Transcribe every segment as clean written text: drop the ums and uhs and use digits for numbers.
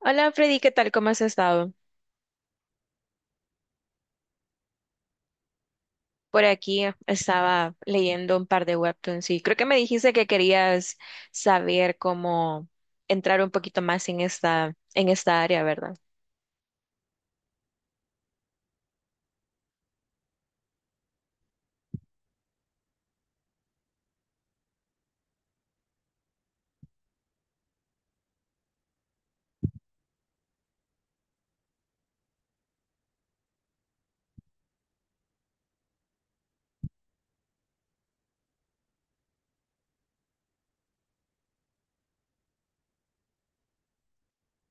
Hola Freddy, ¿qué tal? ¿Cómo has estado? Por aquí estaba leyendo un par de webtoons y creo que me dijiste que querías saber cómo entrar un poquito más en en esta área, ¿verdad?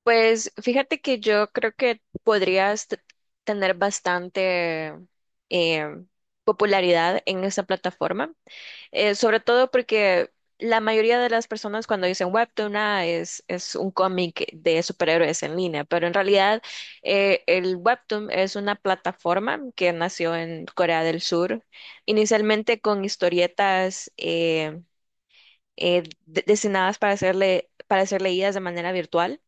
Pues fíjate que yo creo que podrías tener bastante eh, popularidad en esa plataforma. Sobre todo porque la mayoría de las personas cuando dicen webtoon ah, es un cómic de superhéroes en línea, pero en realidad el webtoon es una plataforma que nació en Corea del Sur, inicialmente con historietas destinadas para ser para ser leídas de manera virtual.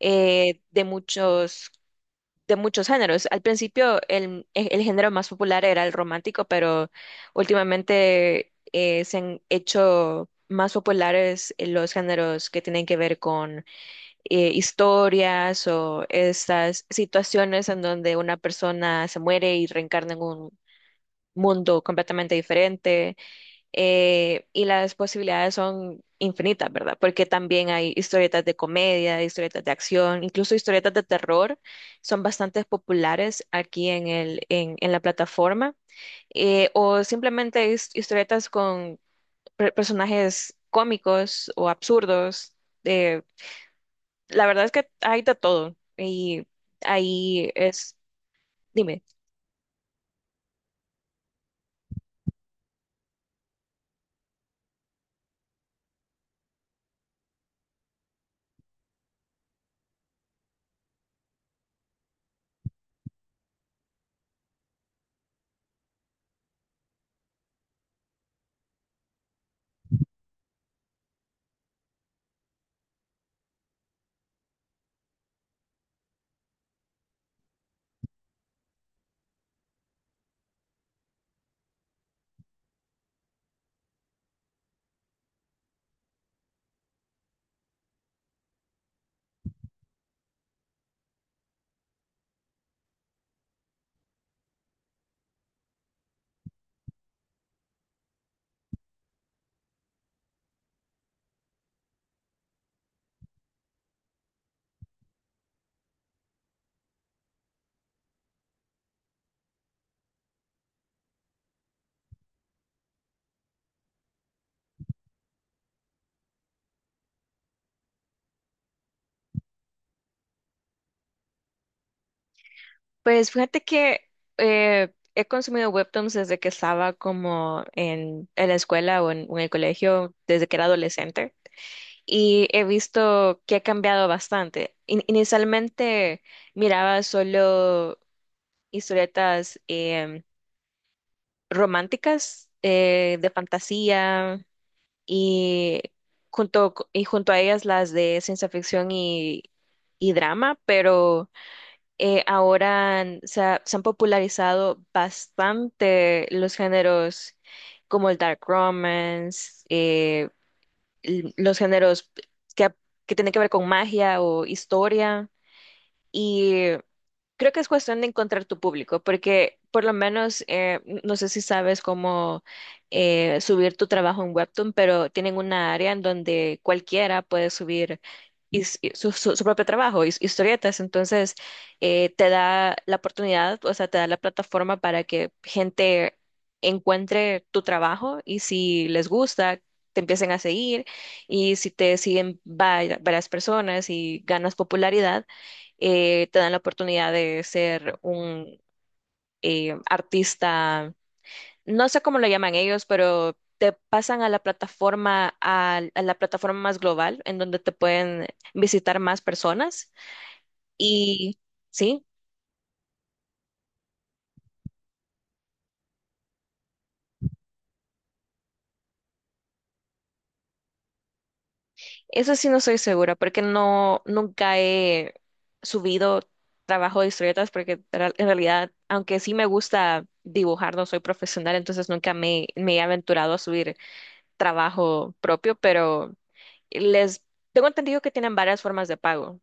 De muchos de muchos géneros. Al principio el género más popular era el romántico, pero últimamente se han hecho más populares los géneros que tienen que ver con historias o estas situaciones en donde una persona se muere y reencarna en un mundo completamente diferente. Y las posibilidades son infinitas, ¿verdad? Porque también hay historietas de comedia, historietas de acción, incluso historietas de terror, son bastante populares aquí en en la plataforma, o simplemente historietas con personajes cómicos o absurdos. eh, la verdad es que hay de todo y ahí es, dime. Pues fíjate que he consumido webtoons desde que estaba como en la escuela o en el colegio, desde que era adolescente, y he visto que ha cambiado bastante. Inicialmente miraba solo historietas románticas, de fantasía, y y junto a ellas las de ciencia ficción y drama. Pero se han popularizado bastante los géneros como el dark romance, los géneros que, que tienen que ver con magia o historia. Creo que es cuestión de encontrar tu público, porque por lo menos, no sé si sabes cómo subir tu trabajo en Webtoon, pero tienen una área en donde cualquiera puede subir su propio trabajo, historietas. Entonces, te da la oportunidad, o sea, te da la plataforma para que gente encuentre tu trabajo y si les gusta, te empiecen a seguir, y si te siguen varias personas y ganas popularidad, te dan la oportunidad de ser un artista, no sé cómo lo llaman ellos, pero te pasan a la plataforma, a la plataforma más global, en donde te pueden visitar más personas. Y sí, eso sí no estoy segura, porque no, nunca he subido trabajo de historietas, porque en realidad, aunque sí me gusta dibujar, no soy profesional, entonces nunca me he aventurado a subir trabajo propio, pero les tengo entendido que tienen varias formas de pago.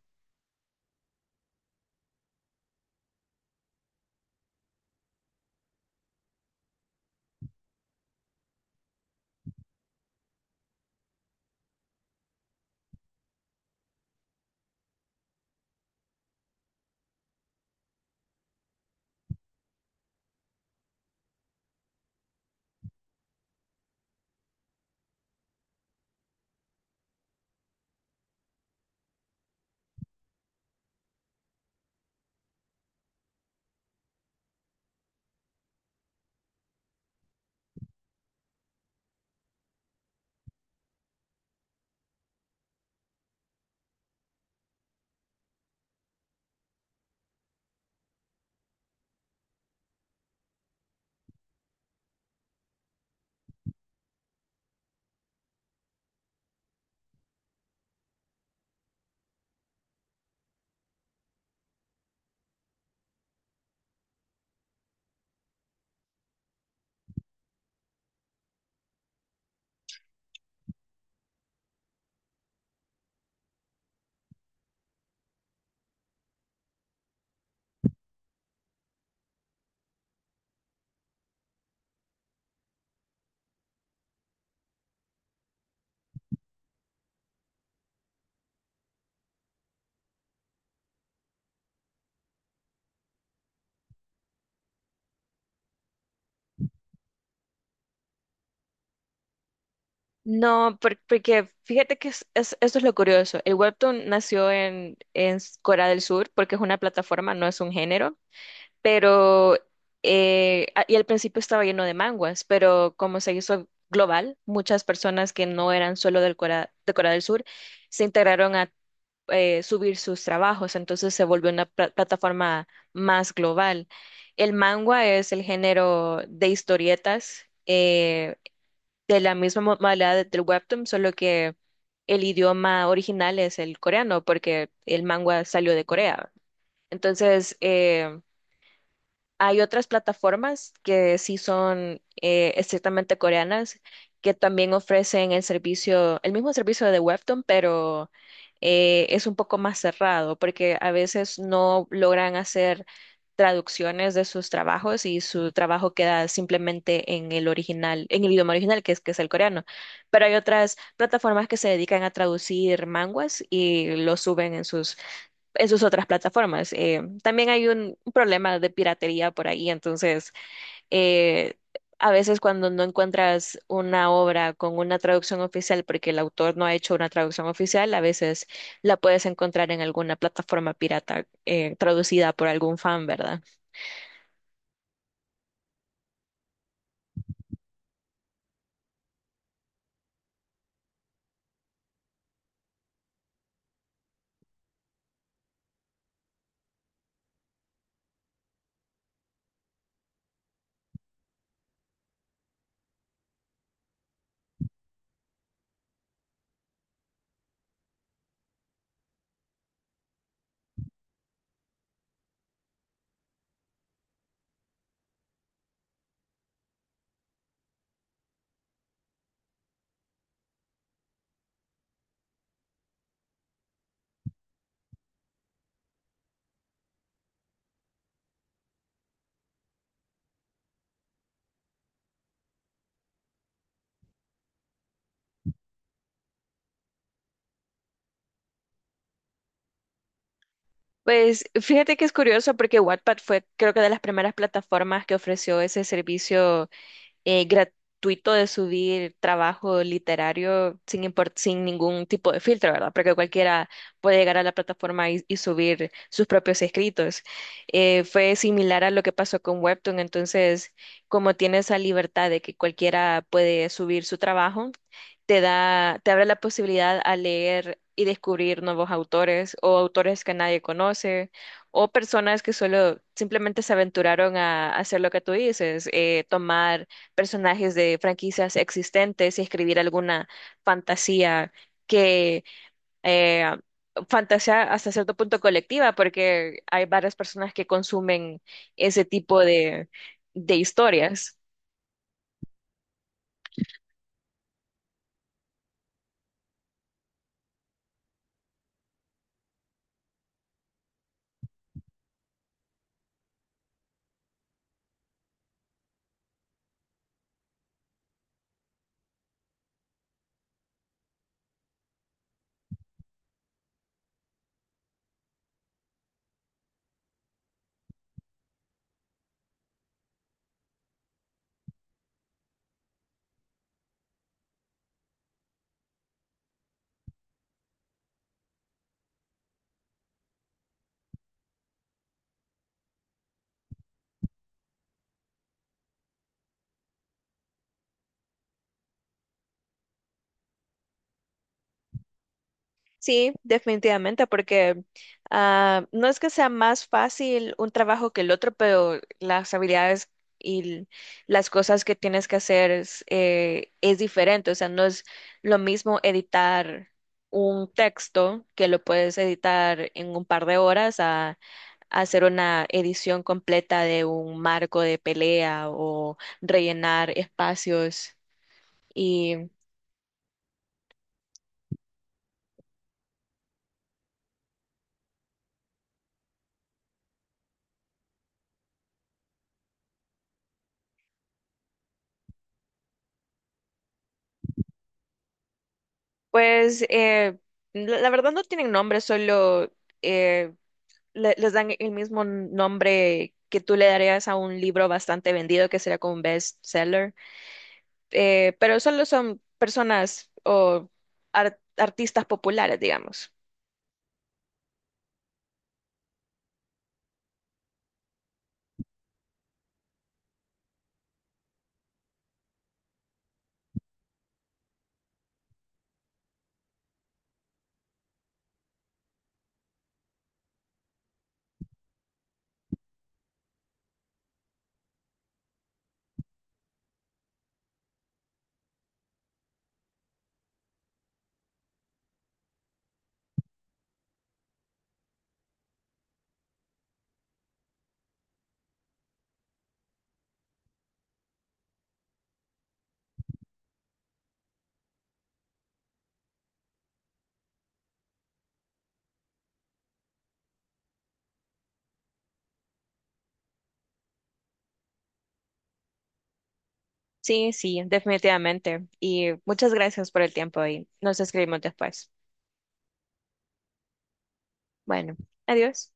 No, porque fíjate que esto es lo curioso. El webtoon nació en Corea del Sur porque es una plataforma, no es un género, pero y al principio estaba lleno de manguas, pero como se hizo global, muchas personas que no eran solo del Corea, de Corea del Sur se integraron a subir sus trabajos, entonces se volvió una plataforma más global. El manga es el género de historietas, de la misma modalidad del webtoon, solo que el idioma original es el coreano, porque el manga salió de Corea. Entonces, hay otras plataformas que sí son estrictamente coreanas, que también ofrecen el servicio, el mismo servicio de Webtoon, pero es un poco más cerrado, porque a veces no logran hacer traducciones de sus trabajos y su trabajo queda simplemente en el original, en el idioma original, que es el coreano. Pero hay otras plataformas que se dedican a traducir manguas y lo suben en sus otras plataformas. También hay un problema de piratería por ahí, entonces eh, a veces cuando no encuentras una obra con una traducción oficial, porque el autor no ha hecho una traducción oficial, a veces la puedes encontrar en alguna plataforma pirata, traducida por algún fan, ¿verdad? Pues fíjate que es curioso porque Wattpad fue creo que de las primeras plataformas que ofreció ese servicio gratuito de subir trabajo literario sin ningún tipo de filtro, ¿verdad? Porque cualquiera puede llegar a la plataforma y subir sus propios escritos. Fue similar a lo que pasó con Webtoon. Entonces, como tiene esa libertad de que cualquiera puede subir su trabajo, te da, te abre la posibilidad a leer y descubrir nuevos autores o autores que nadie conoce o personas que solo simplemente se aventuraron a hacer lo que tú dices, tomar personajes de franquicias existentes y escribir alguna fantasía que eh, fantasía hasta cierto punto colectiva, porque hay varias personas que consumen ese tipo de historias. Sí, definitivamente, porque ah, no es que sea más fácil un trabajo que el otro, pero las habilidades y l- las cosas que tienes que hacer es diferente. O sea, no es lo mismo editar un texto que lo puedes editar en un par de horas a hacer una edición completa de un marco de pelea o rellenar espacios. Pues la, la verdad no tienen nombre, solo eh, les dan el mismo nombre que tú le darías a un libro bastante vendido, que sería como un bestseller, pero solo son personas o artistas populares, digamos. Sí, sí, definitivamente. Y muchas gracias por el tiempo y nos escribimos después. Bueno, adiós.